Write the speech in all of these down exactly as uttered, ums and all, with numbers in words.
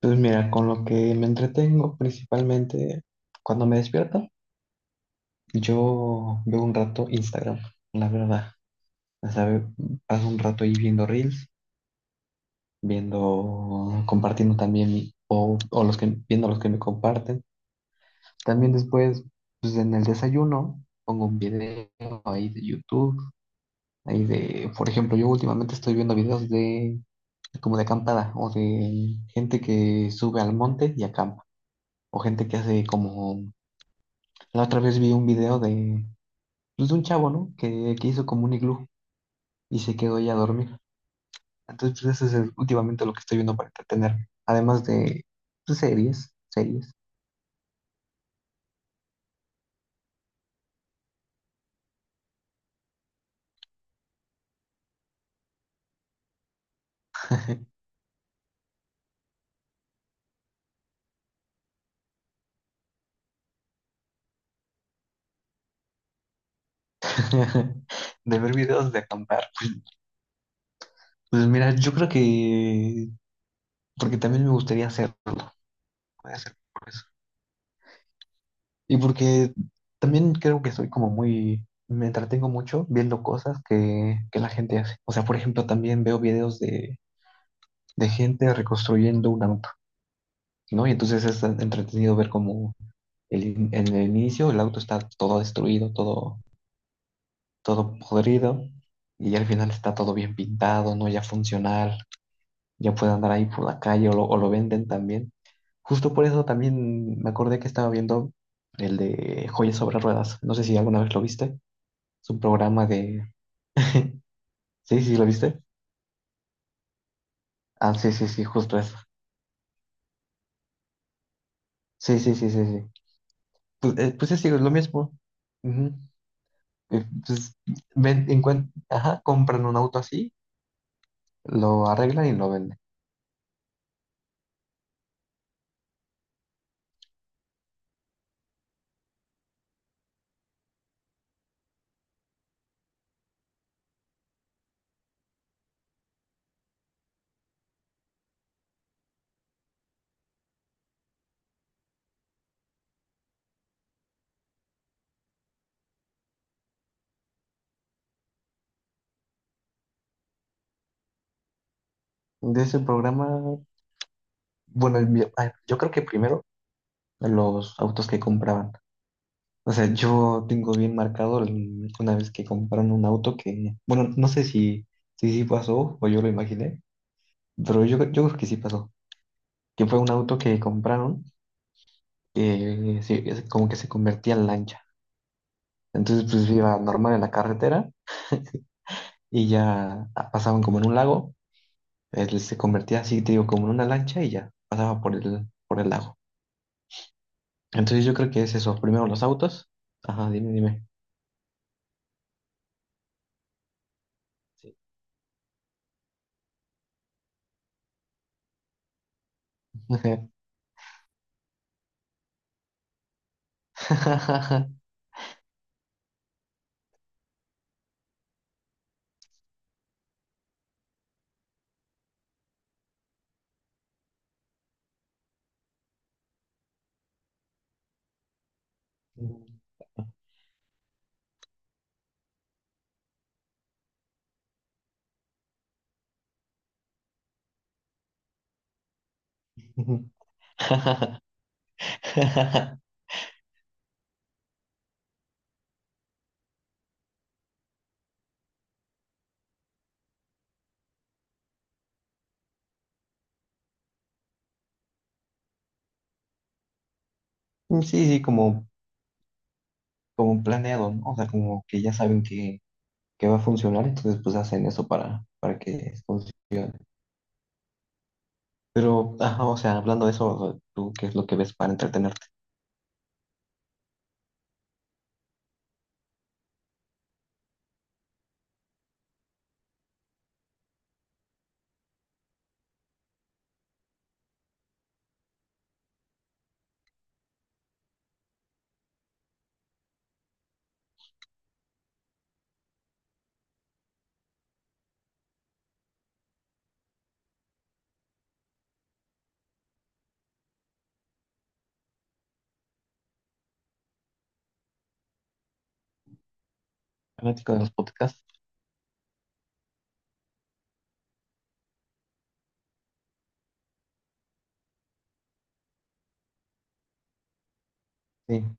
Pues mira, con lo que me entretengo principalmente cuando me despierto, yo veo un rato Instagram, la verdad. O sea, ve- paso un rato ahí viendo reels, viendo, compartiendo también, mi- o, o los que, viendo los que me comparten. También después, pues en el desayuno, pongo un video ahí de YouTube, ahí de, por ejemplo, yo últimamente estoy viendo videos de, como de acampada, o de gente que sube al monte y acampa, o gente que hace como... La otra vez vi un video de, pues, de un chavo, ¿no? Que, que hizo como un iglú y se quedó ahí a dormir. Entonces, pues eso es el- últimamente lo que estoy viendo para entretener. Además de pues, series, series. De ver videos de acampar. Pues mira, yo creo que, porque también me gustaría hacerlo. Puede ser por eso. Y porque también creo que soy como muy, me entretengo mucho viendo cosas que, que la gente hace. O sea, por ejemplo, también veo videos de, de gente reconstruyendo una montaña, ¿no? Y entonces es entretenido ver cómo el en el inicio el auto está todo destruido, todo, todo podrido, y al final está todo bien pintado, ¿no? Ya funcional, ya puede andar ahí por la calle o lo, o lo venden también. Justo por eso también me acordé que estaba viendo el de Joyas sobre Ruedas. No sé si alguna vez lo viste. Es un programa de... Sí, sí, ¿lo viste? Ah, sí, sí, sí, justo eso. Sí, sí, sí, sí, sí. Pues, eh, pues es igual, lo mismo. Ujú. Eh, Pues, ven- encuent- ajá, compran un auto así, lo arreglan y lo venden. De ese programa, bueno, el mío- ay, yo creo que primero los autos que compraban. O sea, yo tengo bien marcado el- una vez que compraron un auto que, bueno, no sé si, si sí pasó o yo lo imaginé, pero yo, yo creo que sí pasó. Que fue un auto que compraron que sí, es como que se convertía en lancha. Entonces, pues iba normal en la carretera y ya ah, pasaban como en un lago. Él se convertía así, te digo, como en una lancha y ya pasaba por el, por el lago. Entonces yo creo que es eso. Primero los autos. Ajá, dime, dime. Sí. Sí, sí, como, como planeado, ¿no? O sea, como que ya saben que, que va a funcionar, entonces pues hacen eso para, para que funcione. Pero, ajá, o sea, hablando de eso, o sea, ¿tú qué es lo que ves para entretenerte? ¿Fanático de los podcasts? Sí.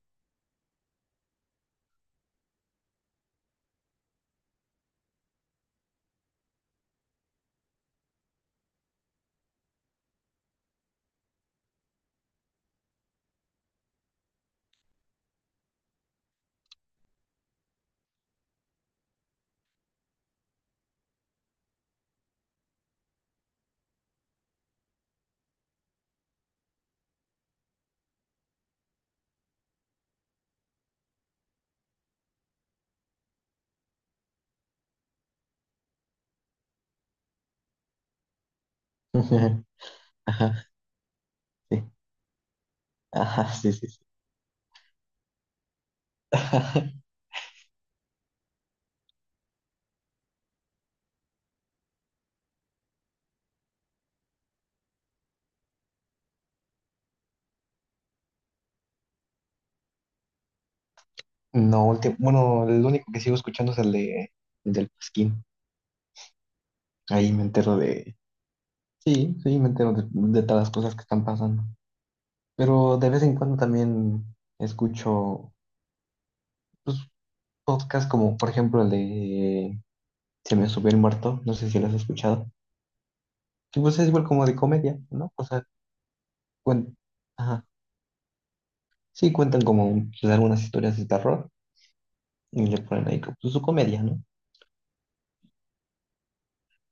Ajá, sí. Ajá, sí, sí, sí. No, último, bueno, el único que sigo escuchando es el de el del Pasquín. Ahí me entero de, sí, sí, me entero de, de todas las cosas que están pasando. Pero de vez en cuando también escucho pues, podcasts como, por ejemplo, el de Se me subió el muerto, no sé si lo has escuchado. Que pues es igual como de comedia, ¿no? O sea, cuen- ajá, sí cuentan como pues, algunas historias de terror y le ponen ahí como, pues, su comedia, ¿no?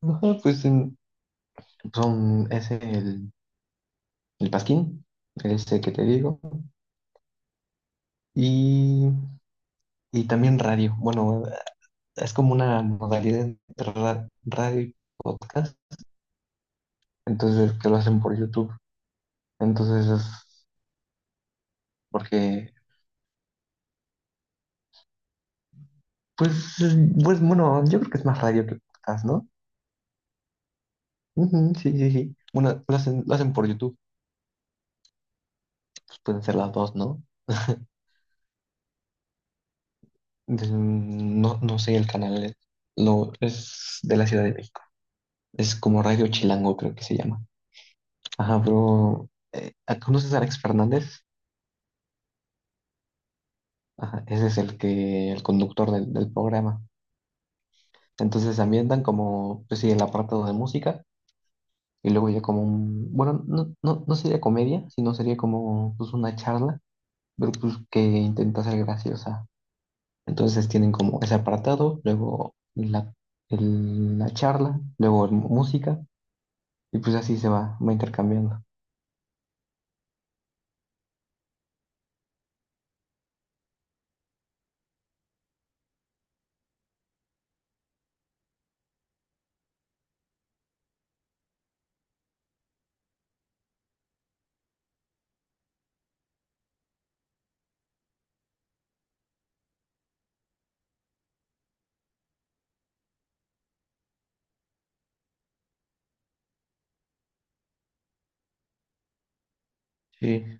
Ajá, pues en- son, es el, el Pasquín, este que te digo. Y, y también radio. Bueno, es como una modalidad entre ra- radio y podcast, entonces que lo hacen por YouTube. Entonces es porque, pues, es- pues bueno, yo creo que es más radio que podcast, ¿no? Ujú, sí, sí, sí. Bueno, lo hacen, lo hacen por YouTube, pues pueden ser las dos, ¿no? Entonces, mm, no, no sé el canal, es- lo, es de la Ciudad de México. Es como Radio Chilango, creo que se llama. Ajá, pero eh, ¿conoces a Alex Fernández? Ajá, ese es el que, el conductor del, del programa. Entonces se ambientan como, pues sí, el apartado de música y luego ya como un, bueno, no, no, no sería comedia, sino sería como pues una charla, pero pues que intenta ser graciosa. Entonces tienen como ese apartado, luego la, el- la charla, luego el- música y pues así se va, va intercambiando. Sí,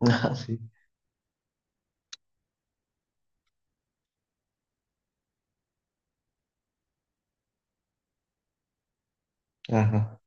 ajá, sí, ajá.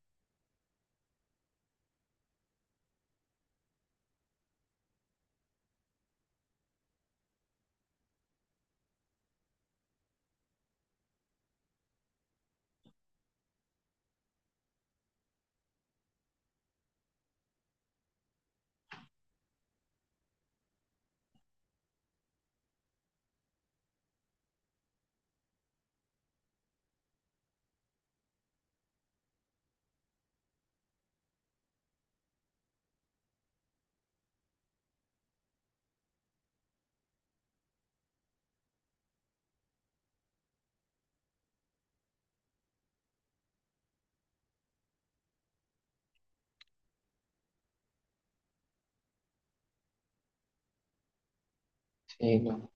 Sí, no.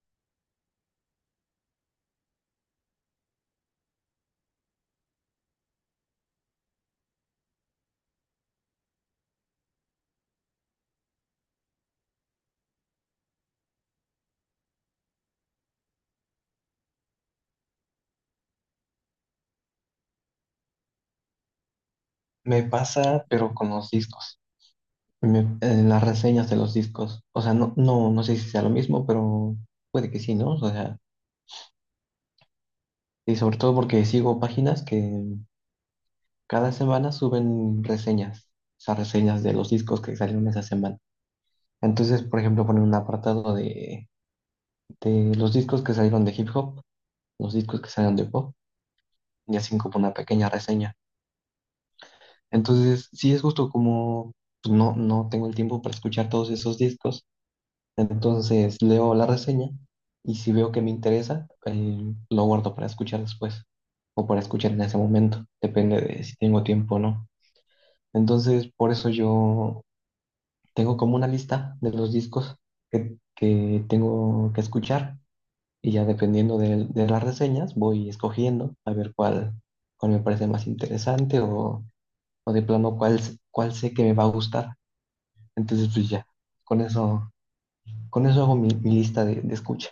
Me pasa, pero con los discos. Me- en las reseñas de los discos. O sea, no, no, no sé si sea lo mismo, pero puede que sí, ¿no? O sea, y sobre todo porque sigo páginas que cada semana suben reseñas, o sea, reseñas de los discos que salieron esa semana. Entonces, por ejemplo, ponen un apartado de, de los discos que salieron de hip hop, los discos que salieron de pop, y así como una pequeña reseña. Entonces, sí es justo como pues, no, no tengo el tiempo para escuchar todos esos discos. Entonces leo la reseña y si veo que me interesa, eh, lo guardo para escuchar después o para escuchar en ese momento, depende de si tengo tiempo o no. Entonces, por eso yo tengo como una lista de los discos que, que tengo que escuchar y ya dependiendo de, de las reseñas voy escogiendo a ver cuál, cuál me parece más interesante o, o de plano cuál, cuál sé que me va a gustar. Entonces, pues ya, con eso, con eso hago mi, mi lista de de escucha.